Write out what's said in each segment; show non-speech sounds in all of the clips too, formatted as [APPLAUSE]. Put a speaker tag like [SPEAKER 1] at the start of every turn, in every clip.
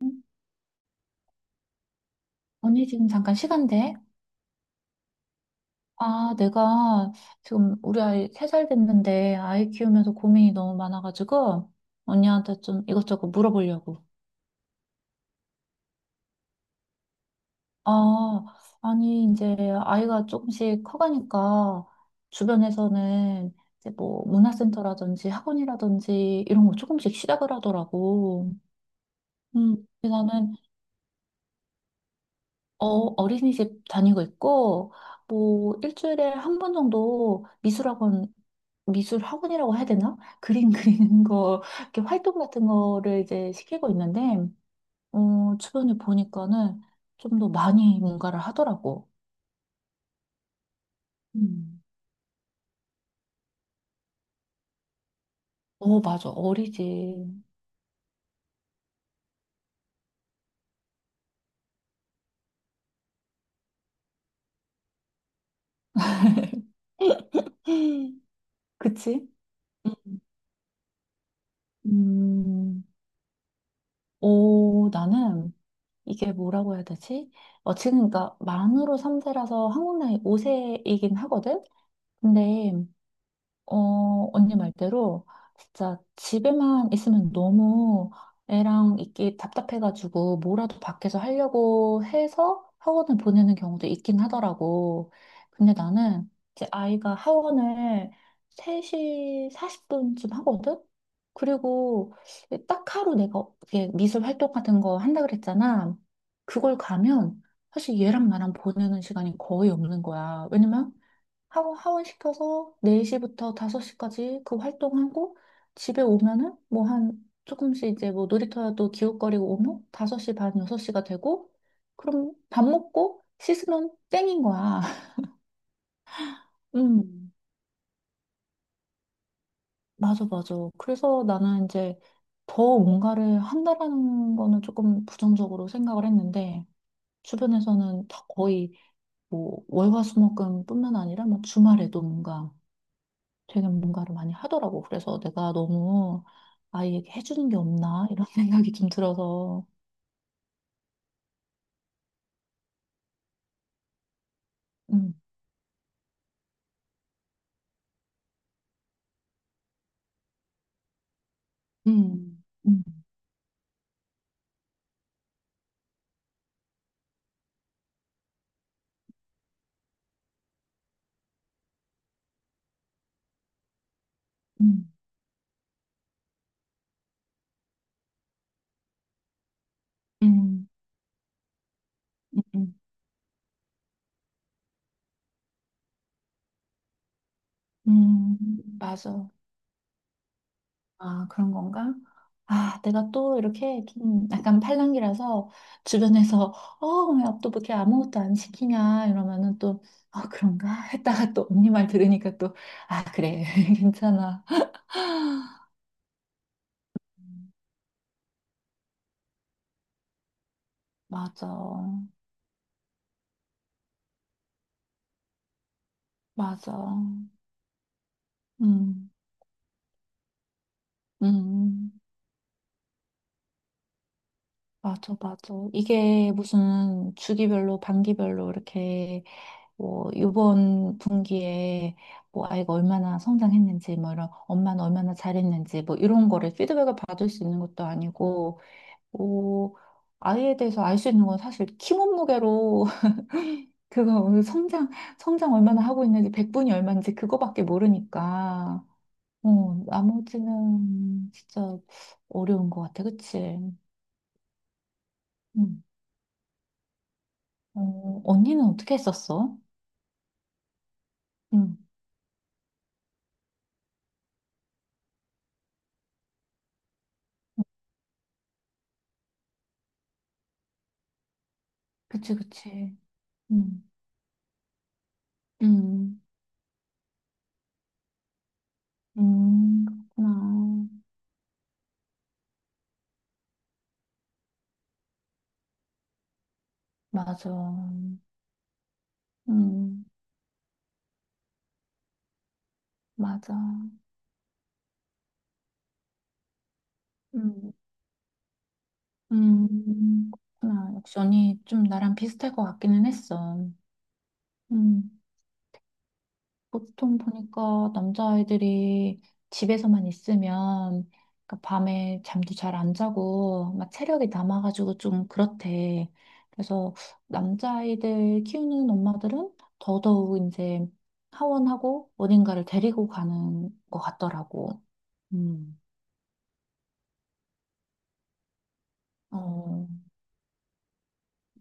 [SPEAKER 1] 응? 언니 지금 잠깐 시간 돼? 아, 내가 지금 우리 아이 3살 됐는데 아이 키우면서 고민이 너무 많아가지고 언니한테 좀 이것저것 물어보려고. 아, 아니 이제 아이가 조금씩 커가니까 주변에서는 이제 뭐 문화센터라든지 학원이라든지 이런 거 조금씩 시작을 하더라고. 근데 나는 어, 어린이집 다니고 있고 뭐 일주일에 한 번 정도 미술학원 미술 학원이라고 해야 되나? 그림 [LAUGHS] 그리는 거, 이렇게 활동 같은 거를 이제 시키고 있는데, 어, 주변에 보니까는 좀 더 많이 뭔가를 하더라고. 음. 어, 맞아. 어리지. [GASPS] [LAUGHS] 그치? 음, 오, 나는 이게 뭐라고 해야 되지? 어, 지금 그러니까 만으로 3세라서 한국 나이 5세이긴 하거든? 근데 어, 언니 말대로 진짜 집에만 있으면 너무 애랑 있기 답답해가지고 뭐라도 밖에서 하려고 해서 학원을 보내는 경우도 있긴 하더라고. 근데 나는 이제 아이가 학원을 3시 40분쯤 하거든? 그리고 딱 하루 내가 이게 미술 활동 같은 거 한다 그랬잖아. 그걸 가면 사실 얘랑 나랑 보내는 시간이 거의 없는 거야. 왜냐면 하고 하원시켜서 4시부터 5시까지 그 활동하고 집에 오면은 뭐 한 조금씩 이제 뭐 놀이터라도 기웃거리고 오면 5시 반, 6시가 되고 그럼 밥 먹고 씻으면 땡인 거야. [LAUGHS] 음, 맞아, 맞아. 그래서 나는 이제 더 뭔가를 한다라는 거는 조금 부정적으로 생각을 했는데 주변에서는 다 거의 뭐 월화수목금뿐만 아니라 뭐 주말에도 뭔가 되게 뭔가를 많이 하더라고. 그래서 내가 너무 아이에게 해주는 게 없나 이런 [LAUGHS] 생각이 좀 들어서. 음, 음, 음, 음, 음, 음, 음, 맞아. 아, 그런 건가? 아, 내가 또 이렇게 좀 약간 팔랑귀라서 주변에서 [LAUGHS] 어, 왜 또 그렇게 아무것도 안 시키냐 이러면은 또 아, 그런가? [LAUGHS] 했다가 또 언니 말 들으니까 또 아, 그래. [LAUGHS] 괜찮아. 맞아. 맞아. 음, 음. 맞아, 맞아. 이게 무슨 주기별로, 반기별로 이렇게 뭐 이번 분기에 뭐 아이가 얼마나 성장했는지, 뭐 이런 엄마는 얼마나 잘했는지, 뭐 이런 거를 피드백을 받을 수 있는 것도 아니고, 뭐 아이에 대해서 알 수 있는 건 사실 키 몸무게로 [LAUGHS] 그거 성장 얼마나 하고 있는지 백분이 얼마인지 그거밖에 모르니까 어 나머지는 진짜 어려운 것 같아 그치? 응. 어, 언니는 어떻게 했었어? 응, 그치, 그치. 응 응 응 그렇구나. 맞아. 응 맞아. 응, 응 그렇구나. 역시 언니 좀 나랑 비슷할 것 같기는 했어. 응 보통 보니까 남자아이들이 집에서만 있으면 그러니까 밤에 잠도 잘 안 자고 막 체력이 남아가지고 좀 그렇대. 그래서 남자아이들 키우는 엄마들은 더더욱 이제 하원하고 어딘가를 데리고 가는 것 같더라고. 음, 어,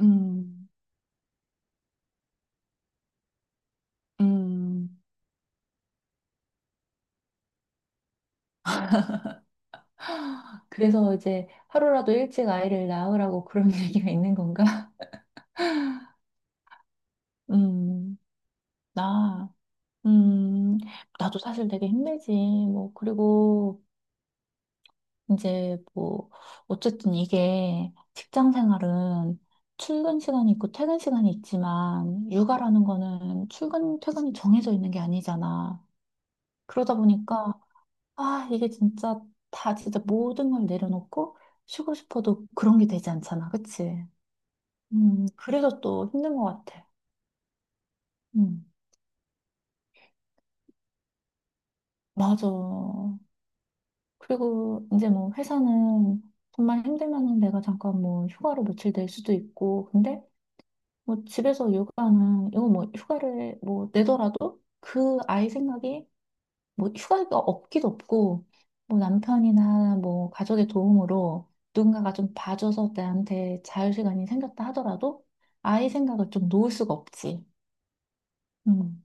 [SPEAKER 1] 음, 음. 그래서 이제 하루라도 일찍 아이를 낳으라고 그런 [LAUGHS] 얘기가 있는 건가? 음, 나. 음, 나도 사실 되게 힘들지. 뭐, 그리고 이제 뭐, 어쨌든 이게 직장 생활은 출근 시간이 있고 퇴근 시간이 있지만, 육아라는 거는 출근, 퇴근이 정해져 있는 게 아니잖아. 그러다 보니까, 아, 이게 진짜 다 진짜 모든 걸 내려놓고 쉬고 싶어도 그런 게 되지 않잖아. 그치? 그래서 또 힘든 것 같아. 음, 맞아. 그리고 이제 뭐 회사는 정말 힘들면은 내가 잠깐 뭐 휴가로 며칠 낼 수도 있고, 근데 뭐 집에서 육아는 이거 뭐 휴가를 뭐 내더라도 그 아이 생각이 뭐 휴가가 없기도 없고, 뭐 남편이나 뭐 가족의 도움으로 누군가가 좀 봐줘서 나한테 자유시간이 생겼다 하더라도 아이 생각을 좀 놓을 수가 없지. 음.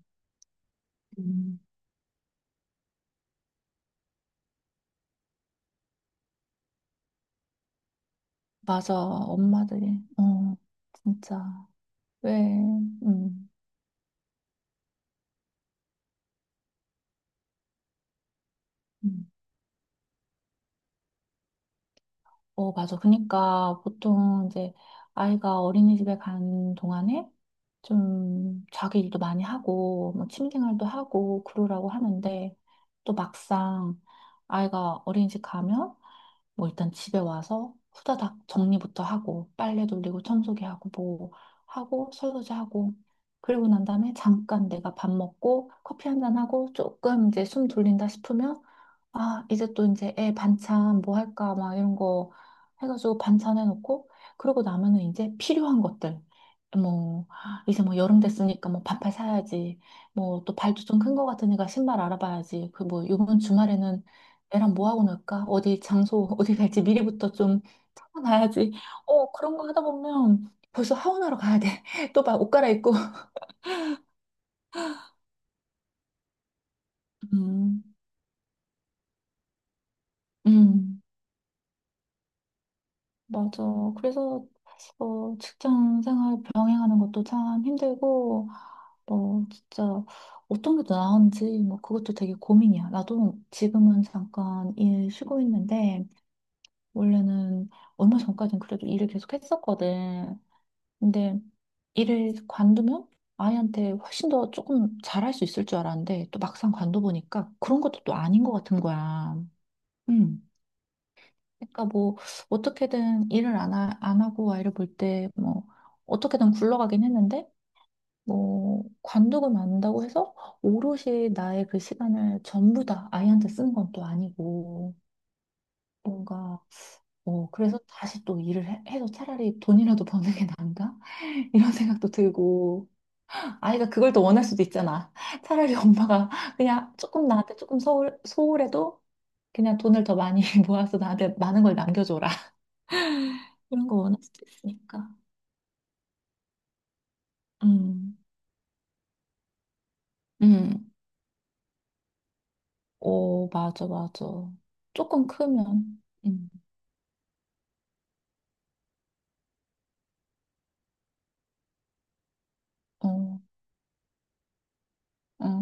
[SPEAKER 1] 음. 맞아, 엄마들이. 어, 진짜. 왜, 음. 음. 어, 맞아. 그러니까 보통 이제 아이가 어린이집에 간 동안에 좀 자기 일도 많이 하고 뭐 취미생활도 하고 그러라고 하는데 또 막상 아이가 어린이집 가면 뭐 일단 집에 와서 후다닥 정리부터 하고 빨래 돌리고 청소기 하고 뭐 하고 설거지 하고 그리고 난 다음에 잠깐 내가 밥 먹고 커피 한잔 하고 조금 이제 숨 돌린다 싶으면 아, 이제 또 애 반찬 뭐 할까 막 이런 거 해가지고 반찬 해놓고 그러고 나면은 이제 필요한 것들 뭐 이제 여름 됐으니까 뭐 반팔 사야지 뭐 또 발도 좀 큰 거 같으니까 신발 알아봐야지 그 뭐 요번 주말에는 애랑 뭐 하고 놀까 어디 장소 [LAUGHS] 어디 갈지 미리부터 좀 찾아놔야지 어 그런 거 하다 보면 벌써 하원하러 가야 돼 [LAUGHS] 또 막 옷 갈아입고 음 음. 맞아. 그래서 어, 직장 생활 병행하는 것도 참 힘들고, 뭐 진짜 어떤 게 더 나은지 뭐 그것도 되게 고민이야. 나도 지금은 잠깐 일 쉬고 있는데 원래는 얼마 전까진 그래도 일을 계속 했었거든. 근데 일을 관두면 아이한테 훨씬 더 조금 잘할 수 있을 줄 알았는데 또 막상 관둬보니까 그런 것도 또 아닌 것 같은 거야. 음. 그러니까 뭐 어떻게든 일을 안 하고 아이를 볼 때 뭐 어떻게든 굴러가긴 했는데 뭐 관두고 만다고 해서 오롯이 나의 그 시간을 전부 다 아이한테 쓴 건 또 아니고 뭔가 어 그래서 다시 또 일을 해서 차라리 돈이라도 버는 게 나은가? [LAUGHS] 이런 생각도 들고 아이가 그걸 더 원할 수도 있잖아. 차라리 [LAUGHS] 엄마가 그냥 조금 나한테 조금 소홀해도 그냥 돈을 더 많이 [LAUGHS] 모아서 나한테 많은 걸 남겨줘라. 그런 거 원할 수도 있으니까. 음, 음, 오, 맞아, 맞아. 조금 크면, 어, 어, 어,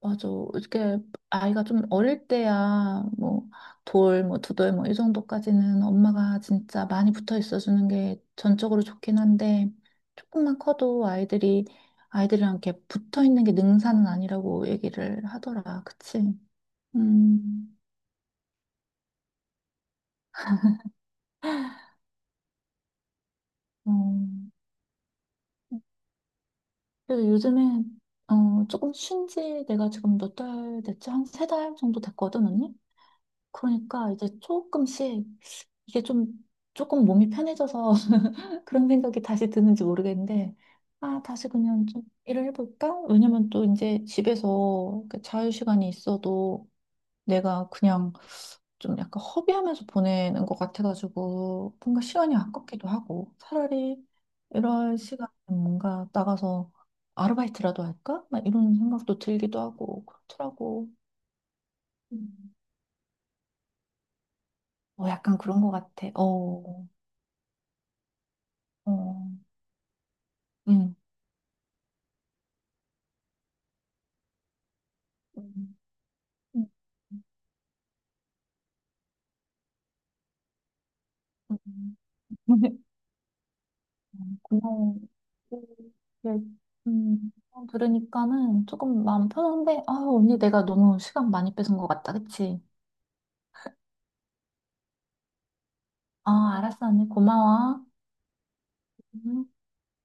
[SPEAKER 1] 맞아. 이렇게 아이가 좀 어릴 때야, 뭐, 돌, 뭐, 두돌, 뭐, 이 정도까지는 엄마가 진짜 많이 붙어 있어주는 게 전적으로 좋긴 한데, 조금만 커도 아이들이랑 이렇게 붙어 있는 게 능사는 아니라고 얘기를 하더라. 그치? 음, 어. 그래서 요즘에 어, 조금 쉰지 내가 지금 몇 달 됐지? 한 3달 정도 됐거든, 언니? 그러니까 이제 조금씩 이게 좀 조금 몸이 편해져서 [LAUGHS] 그런 생각이 다시 드는지 모르겠는데 아, 다시 그냥 좀 일을 해볼까? 왜냐면 또 이제 집에서 그 자유 시간이 있어도 내가 그냥 좀 약간 허비하면서 보내는 것 같아가지고 뭔가 시간이 아깝기도 하고 차라리 이런 시간에 뭔가 나가서 아르바이트라도 할까? 막 이런 생각도 들기도 하고 그렇더라고. 음. 어, 약간 그런 것 같아. 어, 어, 음, 음, 음, 음. [LAUGHS] 고마워. 음, 네, 어, 들으니까는 조금 마음 편한데, 아, 언니 내가 너무 시간 많이 뺏은 것 같다, 그치? 아, 알았어, 언니 고마워. 음.